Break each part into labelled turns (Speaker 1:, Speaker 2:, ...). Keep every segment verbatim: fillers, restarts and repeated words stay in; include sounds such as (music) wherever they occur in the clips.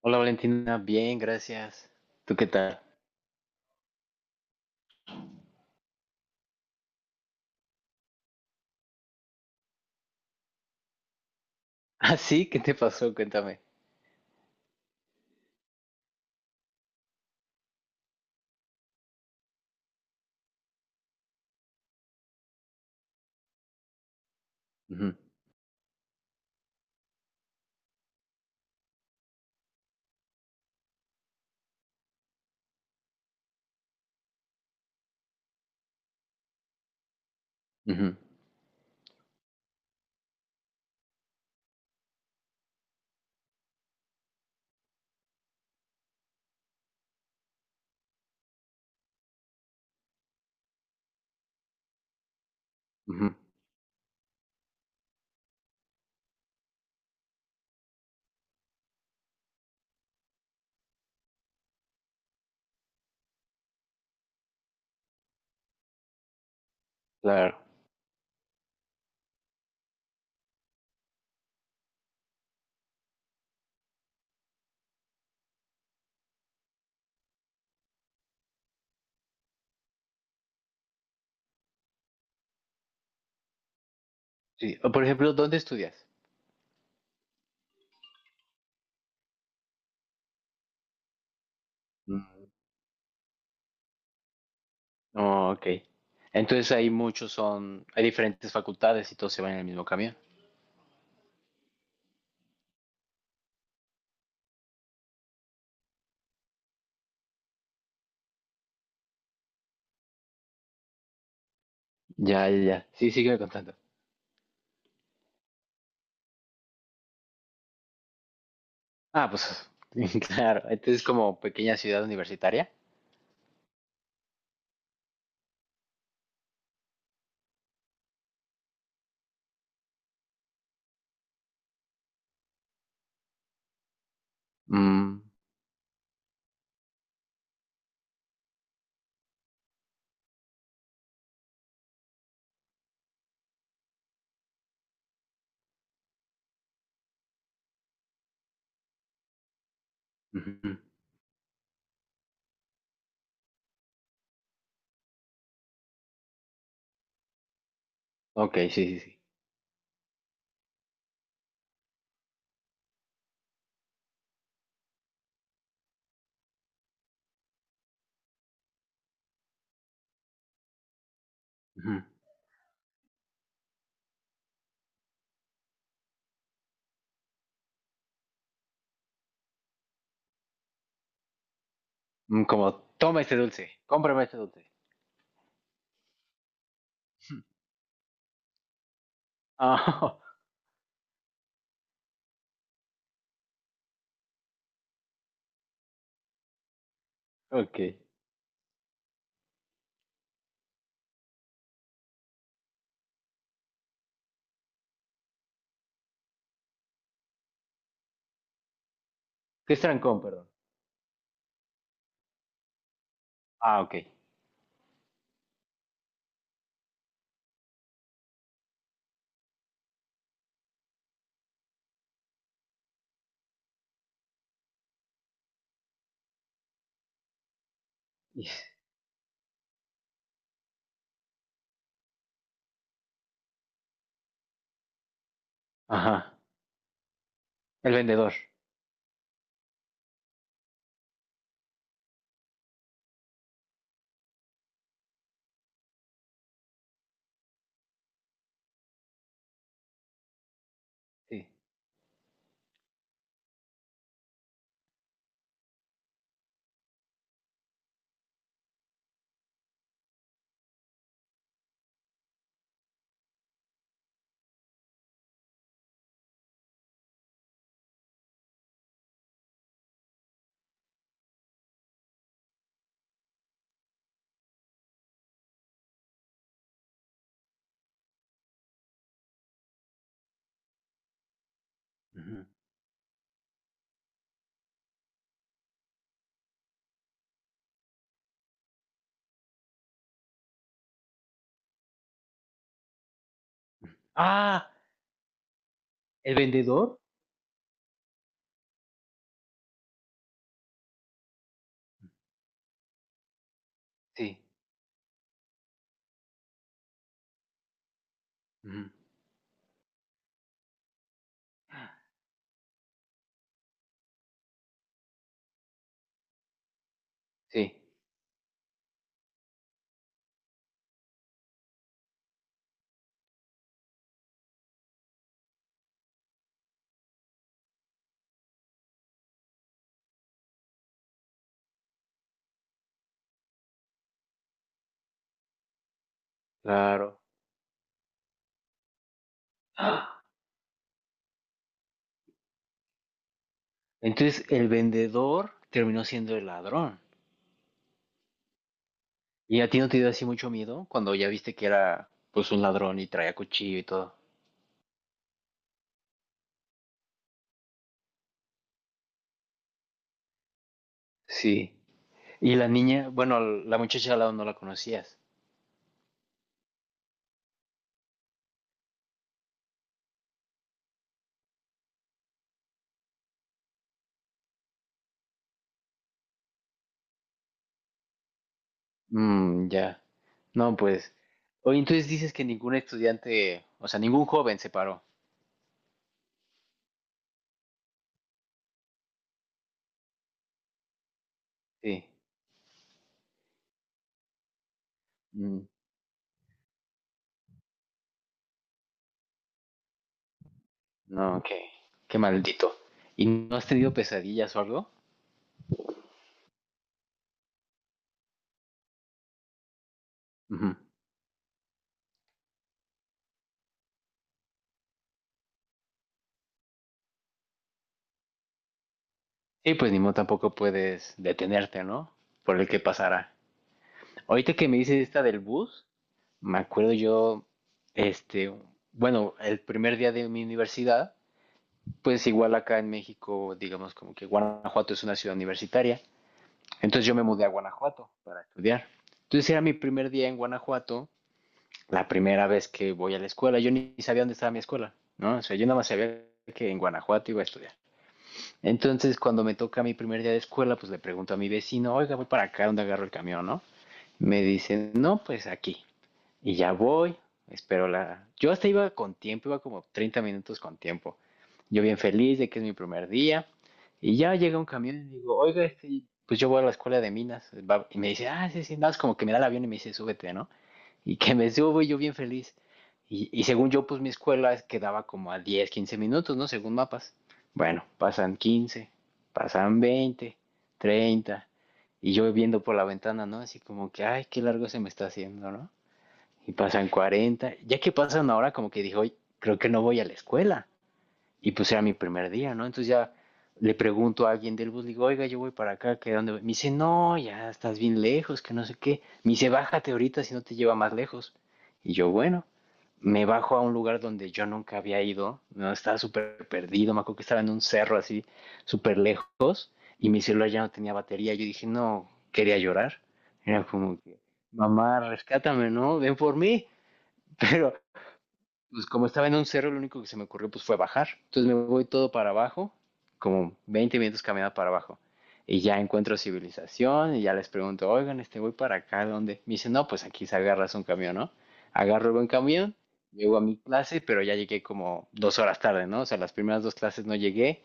Speaker 1: Hola Valentina, bien, gracias. ¿Tú qué tal? (laughs) Ah, sí, ¿qué te pasó? Cuéntame. Ujú, ujú, ujú. Claro. Sí. O, por ejemplo, ¿dónde estudias? Mm. Oh, ok. Entonces ahí muchos son, hay diferentes facultades y todos se van en el mismo camión. Ya, ya, ya. Sí, sígueme contando. Ah, pues (laughs) claro. Entonces como pequeña ciudad universitaria. Mm, ujú. Ok, sí, sí, sí. Ujú. Mm. Como, toma este dulce, cómprame este dulce. Ah, (laughs) ok. ¿Qué es trancón, perdón? Ah, ok. Y- Ajá. El vendedor. Sí. Ujú. Ah, el vendedor. Sí. Ujú. Sí, claro. ¡Ah! Entonces, el vendedor terminó siendo el ladrón. ¿Y a ti no te dio así mucho miedo cuando ya viste que era pues un ladrón y traía cuchillo y todo? Sí. Y la niña, bueno, l- la muchacha al lado no la conocías. Mm, ya. No, pues. Oye, entonces dices que ningún estudiante, o sea, ningún joven se paró. Sí. Mm. No, qué, qué maldito. ¿Y no has tenido pesadillas o algo? Ujú. Y pues ni modo tampoco puedes detenerte, ¿no? Por el que pasará. Ahorita que me dices esta del bus, me acuerdo yo, este, bueno, el primer día de mi universidad, pues igual acá en México, digamos como que Guanajuato es una ciudad universitaria. Entonces yo me mudé a Guanajuato para estudiar. Entonces era mi primer día en Guanajuato, la primera vez que voy a la escuela. Yo ni sabía dónde estaba mi escuela, ¿no? O sea, yo nada más sabía que en Guanajuato iba a estudiar. Entonces, cuando me toca mi primer día de escuela, pues le pregunto a mi vecino: oiga, voy para acá, ¿dónde agarro el camión, no? Me dice, no, pues aquí. Y ya voy, espero la... Yo hasta iba con tiempo, iba como treinta minutos con tiempo. Yo bien feliz de que es mi primer día. Y ya llega un camión y digo, oiga, este, pues yo voy a la escuela de minas. Va- Y me dice, ah, sí, sí, nada, más como que me da el avión y me dice, súbete, ¿no? Y que me subo y yo bien feliz. Y, y según yo, pues mi escuela es- quedaba como a diez quince minutos, ¿no? Según mapas. Bueno, pasan quince, pasan veinte, treinta. Y yo viendo por la ventana, ¿no? Así como que, ay, qué largo se me está haciendo, ¿no? Y pasan cuarenta. Ya que pasan ahora, como que dijo, creo que no voy a la escuela. Y pues era mi primer día, ¿no? Entonces ya le pregunto a alguien del bus, digo, oiga, yo voy para acá, ¿qué, dónde voy? Me dice, no, ya estás bien lejos, que no sé qué. Me dice, bájate ahorita si no te lleva más lejos. Y yo, bueno, me bajo a un lugar donde yo nunca había ido, no estaba súper perdido, me acuerdo que estaba en un cerro así, súper lejos, y mi celular ya no tenía batería. Yo dije, no, quería llorar. Era como que, mamá, rescátame, ¿no? Ven por mí. (laughs) Pero pues como estaba en un cerro, lo único que se me ocurrió pues fue bajar. Entonces me voy todo para abajo, como veinte minutos caminando para abajo. Y ya encuentro civilización y ya les pregunto, oigan, este, voy para acá, ¿dónde? Me dicen, no, pues aquí se agarras un camión, ¿no? Agarro el buen camión, llego a mi clase, pero ya llegué como dos horas tarde, ¿no? O sea, las primeras dos clases no llegué.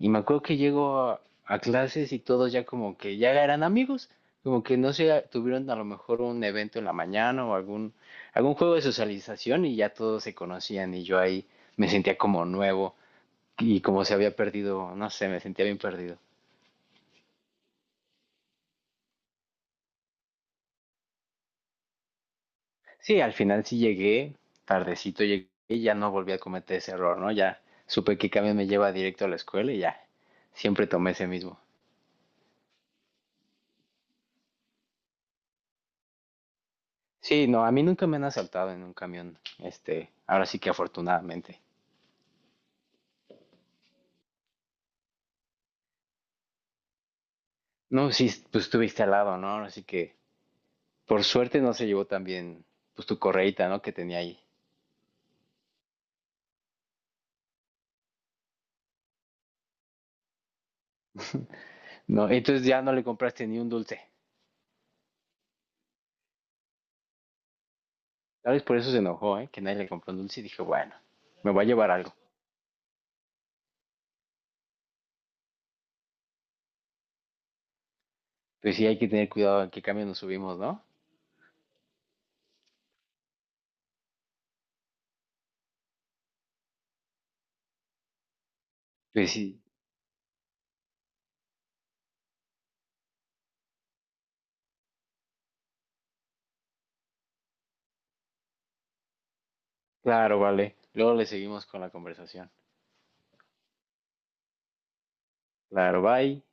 Speaker 1: Y me acuerdo que llego a, a clases y todos ya como que ya eran amigos, como que no se tuvieron a lo mejor un evento en la mañana o algún algún juego de socialización y ya todos se conocían y yo ahí me sentía como nuevo y como se había perdido, no sé, me sentía bien perdido. Sí, al final sí llegué, tardecito llegué y ya no volví a cometer ese error, ¿no? Ya supe que camión me lleva directo a la escuela y ya, siempre tomé ese mismo. Sí, no, a mí nunca me han asaltado en un camión, este, ahora sí que afortunadamente. No, sí, pues estuviste al lado, ¿no? Así que por suerte no se llevó también, pues tu correita, ¿no? Que tenía ahí. No, entonces ya no le compraste ni un dulce. Tal vez por eso se enojó, ¿eh? Que nadie le compró un dulce y dijo, bueno, me va a llevar algo. Pues sí, hay que tener cuidado en qué camión nos subimos, ¿no? Pues sí, claro, vale. Luego le seguimos con la conversación. Claro, bye.